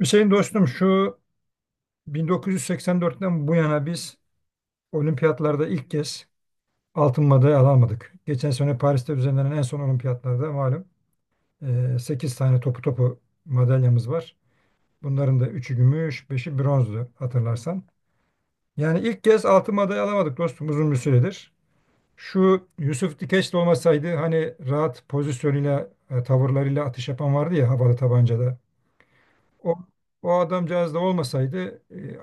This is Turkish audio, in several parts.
Hüseyin dostum şu 1984'ten bu yana biz olimpiyatlarda ilk kez altın madalya alamadık. Geçen sene Paris'te düzenlenen en son olimpiyatlarda malum 8 tane topu topu madalyamız var. Bunların da üçü gümüş, beşi bronzdu hatırlarsan. Yani ilk kez altın madalya alamadık dostum uzun bir süredir. Şu Yusuf Dikeç de olmasaydı hani rahat pozisyonuyla, tavırlarıyla atış yapan vardı ya havalı tabancada. O, o adamcağız da olmasaydı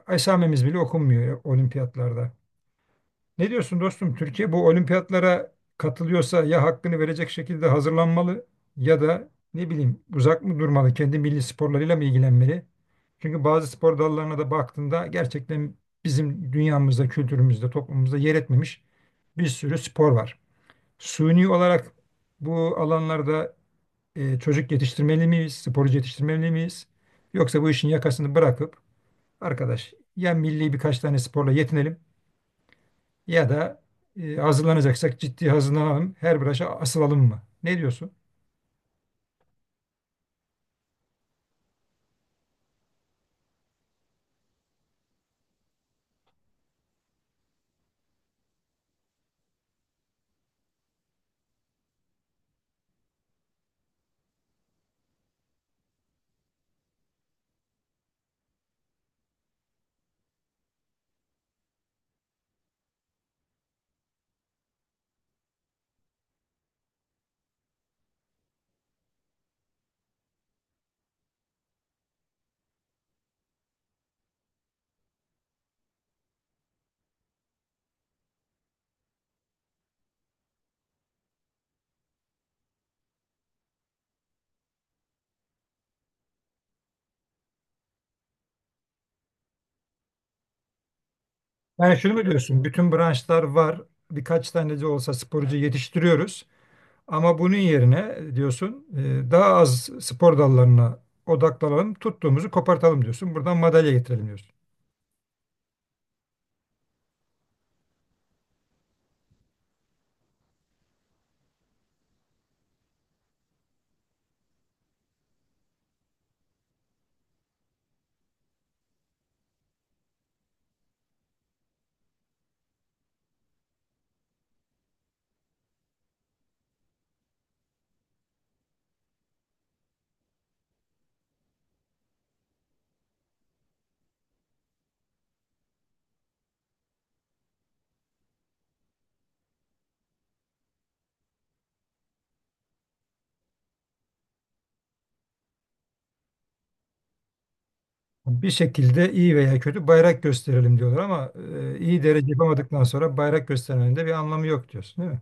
esamemiz bile okunmuyor olimpiyatlarda. Ne diyorsun dostum? Türkiye bu olimpiyatlara katılıyorsa ya hakkını verecek şekilde hazırlanmalı ya da ne bileyim uzak mı durmalı? Kendi milli sporlarıyla mı ilgilenmeli? Çünkü bazı spor dallarına da baktığında gerçekten bizim dünyamızda, kültürümüzde, toplumumuzda yer etmemiş bir sürü spor var. Suni olarak bu alanlarda çocuk yetiştirmeli miyiz, sporcu yetiştirmeli miyiz? Yoksa bu işin yakasını bırakıp arkadaş ya milli birkaç tane sporla yetinelim ya da hazırlanacaksak ciddi hazırlanalım. Her branşa asılalım mı? Ne diyorsun? Yani şunu mu diyorsun? Bütün branşlar var. Birkaç tane de olsa sporcu yetiştiriyoruz. Ama bunun yerine diyorsun daha az spor dallarına odaklanalım. Tuttuğumuzu kopartalım diyorsun. Buradan madalya getirelim diyorsun. Bir şekilde iyi veya kötü bayrak gösterelim diyorlar ama iyi derece yapamadıktan sonra bayrak göstermenin de bir anlamı yok diyorsun, değil mi?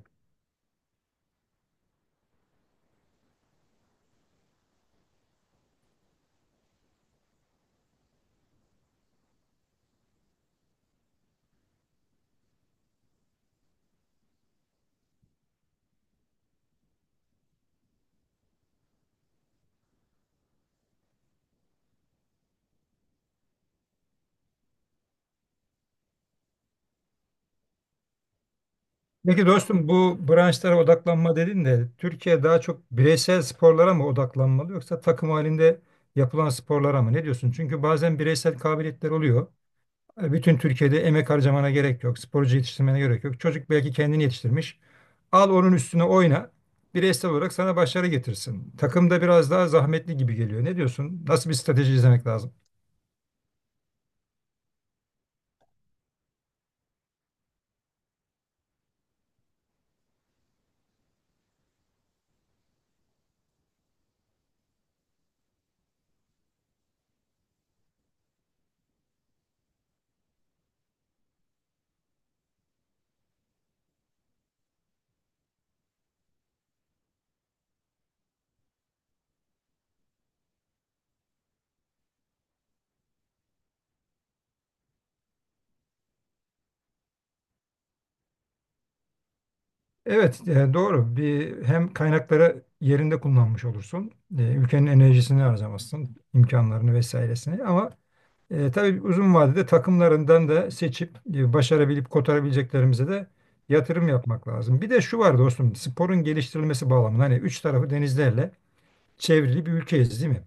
Peki dostum bu branşlara odaklanma dedin de Türkiye daha çok bireysel sporlara mı odaklanmalı yoksa takım halinde yapılan sporlara mı? Ne diyorsun? Çünkü bazen bireysel kabiliyetler oluyor. Bütün Türkiye'de emek harcamana gerek yok. Sporcu yetiştirmene gerek yok. Çocuk belki kendini yetiştirmiş. Al onun üstüne oyna. Bireysel olarak sana başarı getirsin. Takımda biraz daha zahmetli gibi geliyor. Ne diyorsun? Nasıl bir strateji izlemek lazım? Evet, doğru. Bir hem kaynakları yerinde kullanmış olursun. Ülkenin enerjisini harcamazsın, imkanlarını vesairesini. Ama tabii uzun vadede takımlarından da seçip başarabilip kotarabileceklerimize de yatırım yapmak lazım. Bir de şu var dostum, sporun geliştirilmesi bağlamında hani üç tarafı denizlerle çevrili bir ülkeyiz, değil mi?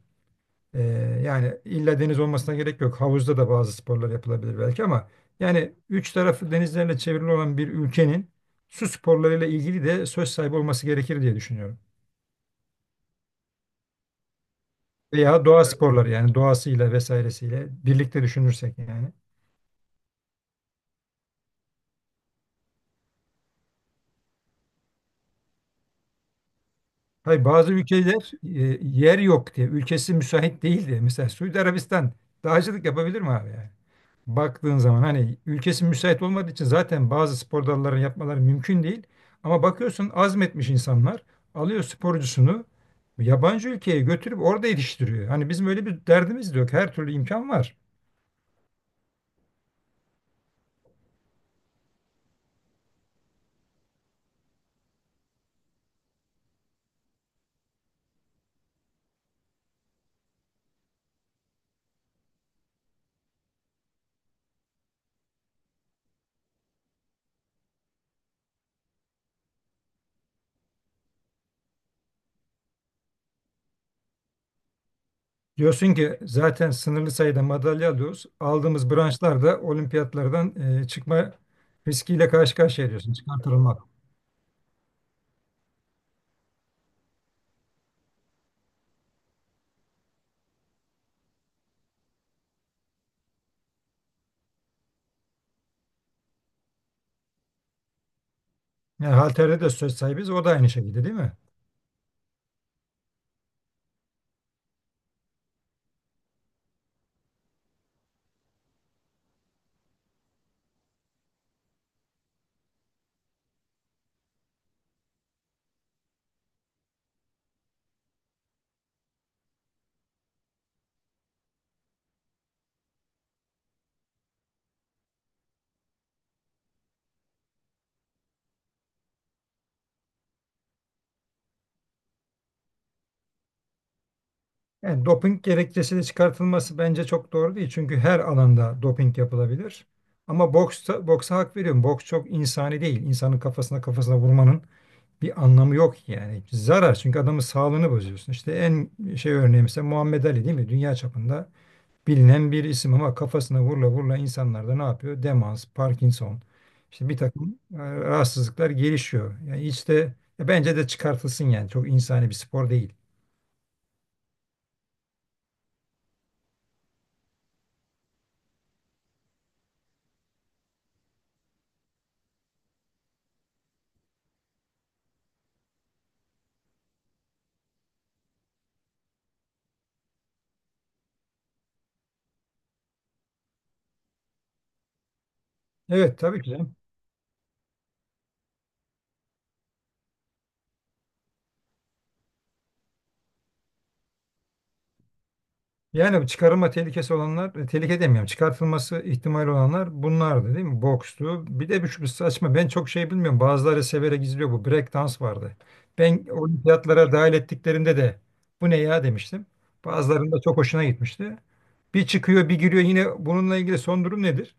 Ee, yani illa deniz olmasına gerek yok. Havuzda da bazı sporlar yapılabilir belki ama yani üç tarafı denizlerle çevrili olan bir ülkenin su sporlarıyla ilgili de söz sahibi olması gerekir diye düşünüyorum. Veya doğa sporları yani doğasıyla vesairesiyle birlikte düşünürsek yani. Hayır bazı ülkeler yer yok diye, ülkesi müsait değil diye. Mesela Suudi Arabistan dağcılık yapabilir mi abi yani? Baktığın zaman hani ülkesi müsait olmadığı için zaten bazı spor dallarını yapmaları mümkün değil. Ama bakıyorsun azmetmiş insanlar alıyor sporcusunu yabancı ülkeye götürüp orada yetiştiriyor. Hani bizim öyle bir derdimiz de yok. Her türlü imkan var. Diyorsun ki zaten sınırlı sayıda madalya alıyoruz. Aldığımız branşlarda olimpiyatlardan çıkma riskiyle karşı karşıya diyorsun. Çıkartılmak. Yani halterde de söz sahibiz. O da aynı şekilde değil mi? Yani doping gerekçesi de çıkartılması bence çok doğru değil. Çünkü her alanda doping yapılabilir. Ama boksta, boksa hak veriyorum. Boks çok insani değil. İnsanın kafasına kafasına vurmanın bir anlamı yok yani. Zarar çünkü adamın sağlığını bozuyorsun. İşte en şey örneği mesela Muhammed Ali değil mi? Dünya çapında bilinen bir isim ama kafasına vurla vurla insanlar da ne yapıyor? Demans, Parkinson, işte bir takım rahatsızlıklar gelişiyor. Yani işte bence de çıkartılsın yani. Çok insani bir spor değil. Evet tabii ki canım. Yani çıkarılma tehlikesi olanlar, tehlike demiyorum, çıkartılması ihtimali olanlar bunlardı değil mi? Bokstu. Bir de bir şu saçma, ben çok şey bilmiyorum. Bazıları severek izliyor bu. Break dans vardı. Ben olimpiyatlara dahil ettiklerinde de bu ne ya demiştim. Bazılarında çok hoşuna gitmişti. Bir çıkıyor, bir giriyor. Yine bununla ilgili son durum nedir?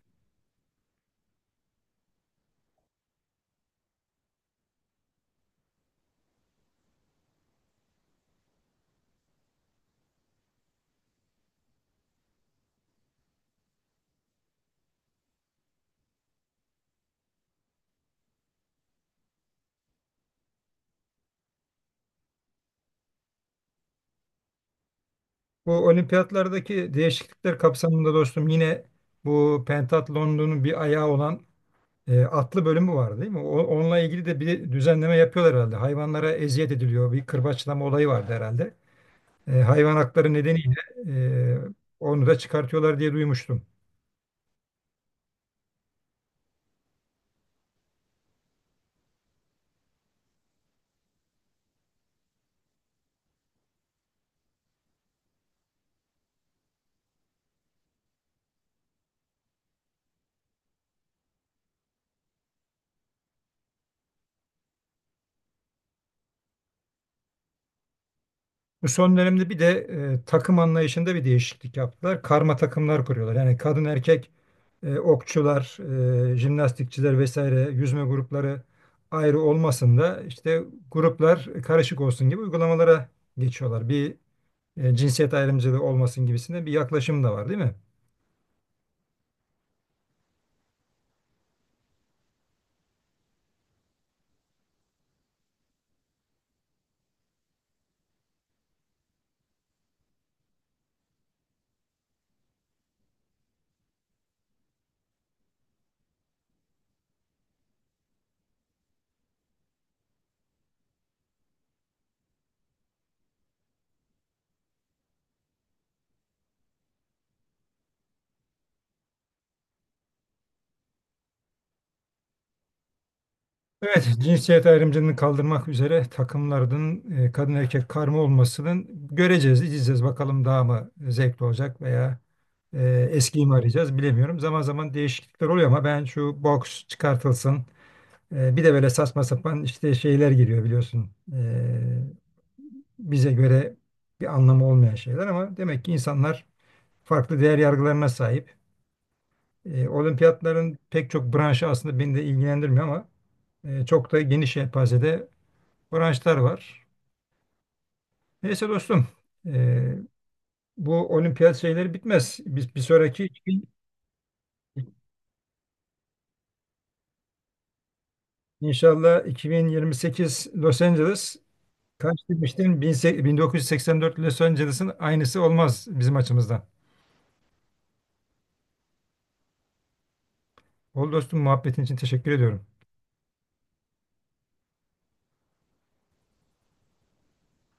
Bu olimpiyatlardaki değişiklikler kapsamında dostum yine bu pentatlonun bir ayağı olan atlı bölümü var değil mi? Onunla ilgili de bir düzenleme yapıyorlar herhalde. Hayvanlara eziyet ediliyor. Bir kırbaçlama olayı vardı herhalde. Hayvan hakları nedeniyle e, onu da çıkartıyorlar diye duymuştum. Bu son dönemde bir de takım anlayışında bir değişiklik yaptılar. Karma takımlar kuruyorlar. Yani kadın erkek okçular, jimnastikçiler vesaire yüzme grupları ayrı olmasın da işte gruplar karışık olsun gibi uygulamalara geçiyorlar. Bir cinsiyet ayrımcılığı olmasın gibisinde bir yaklaşım da var değil mi? Evet, cinsiyet ayrımcılığını kaldırmak üzere takımların kadın erkek karma olmasının göreceğiz, izleyeceğiz. Bakalım daha mı zevkli olacak veya eskiyi mi arayacağız bilemiyorum. Zaman zaman değişiklikler oluyor ama ben şu boks çıkartılsın. Bir de böyle saçma sapan işte şeyler giriyor biliyorsun. Bize göre bir anlamı olmayan şeyler ama demek ki insanlar farklı değer yargılarına sahip. Olimpiyatların pek çok branşı aslında beni de ilgilendirmiyor ama çok da geniş yelpazede branşlar var. Neyse dostum, e, bu olimpiyat şeyleri bitmez. Biz bir sonraki 2000 inşallah 2028 Los Angeles kaç demiştin? 1984 Los Angeles'ın aynısı olmaz bizim açımızdan. Ol dostum muhabbetin için teşekkür ediyorum.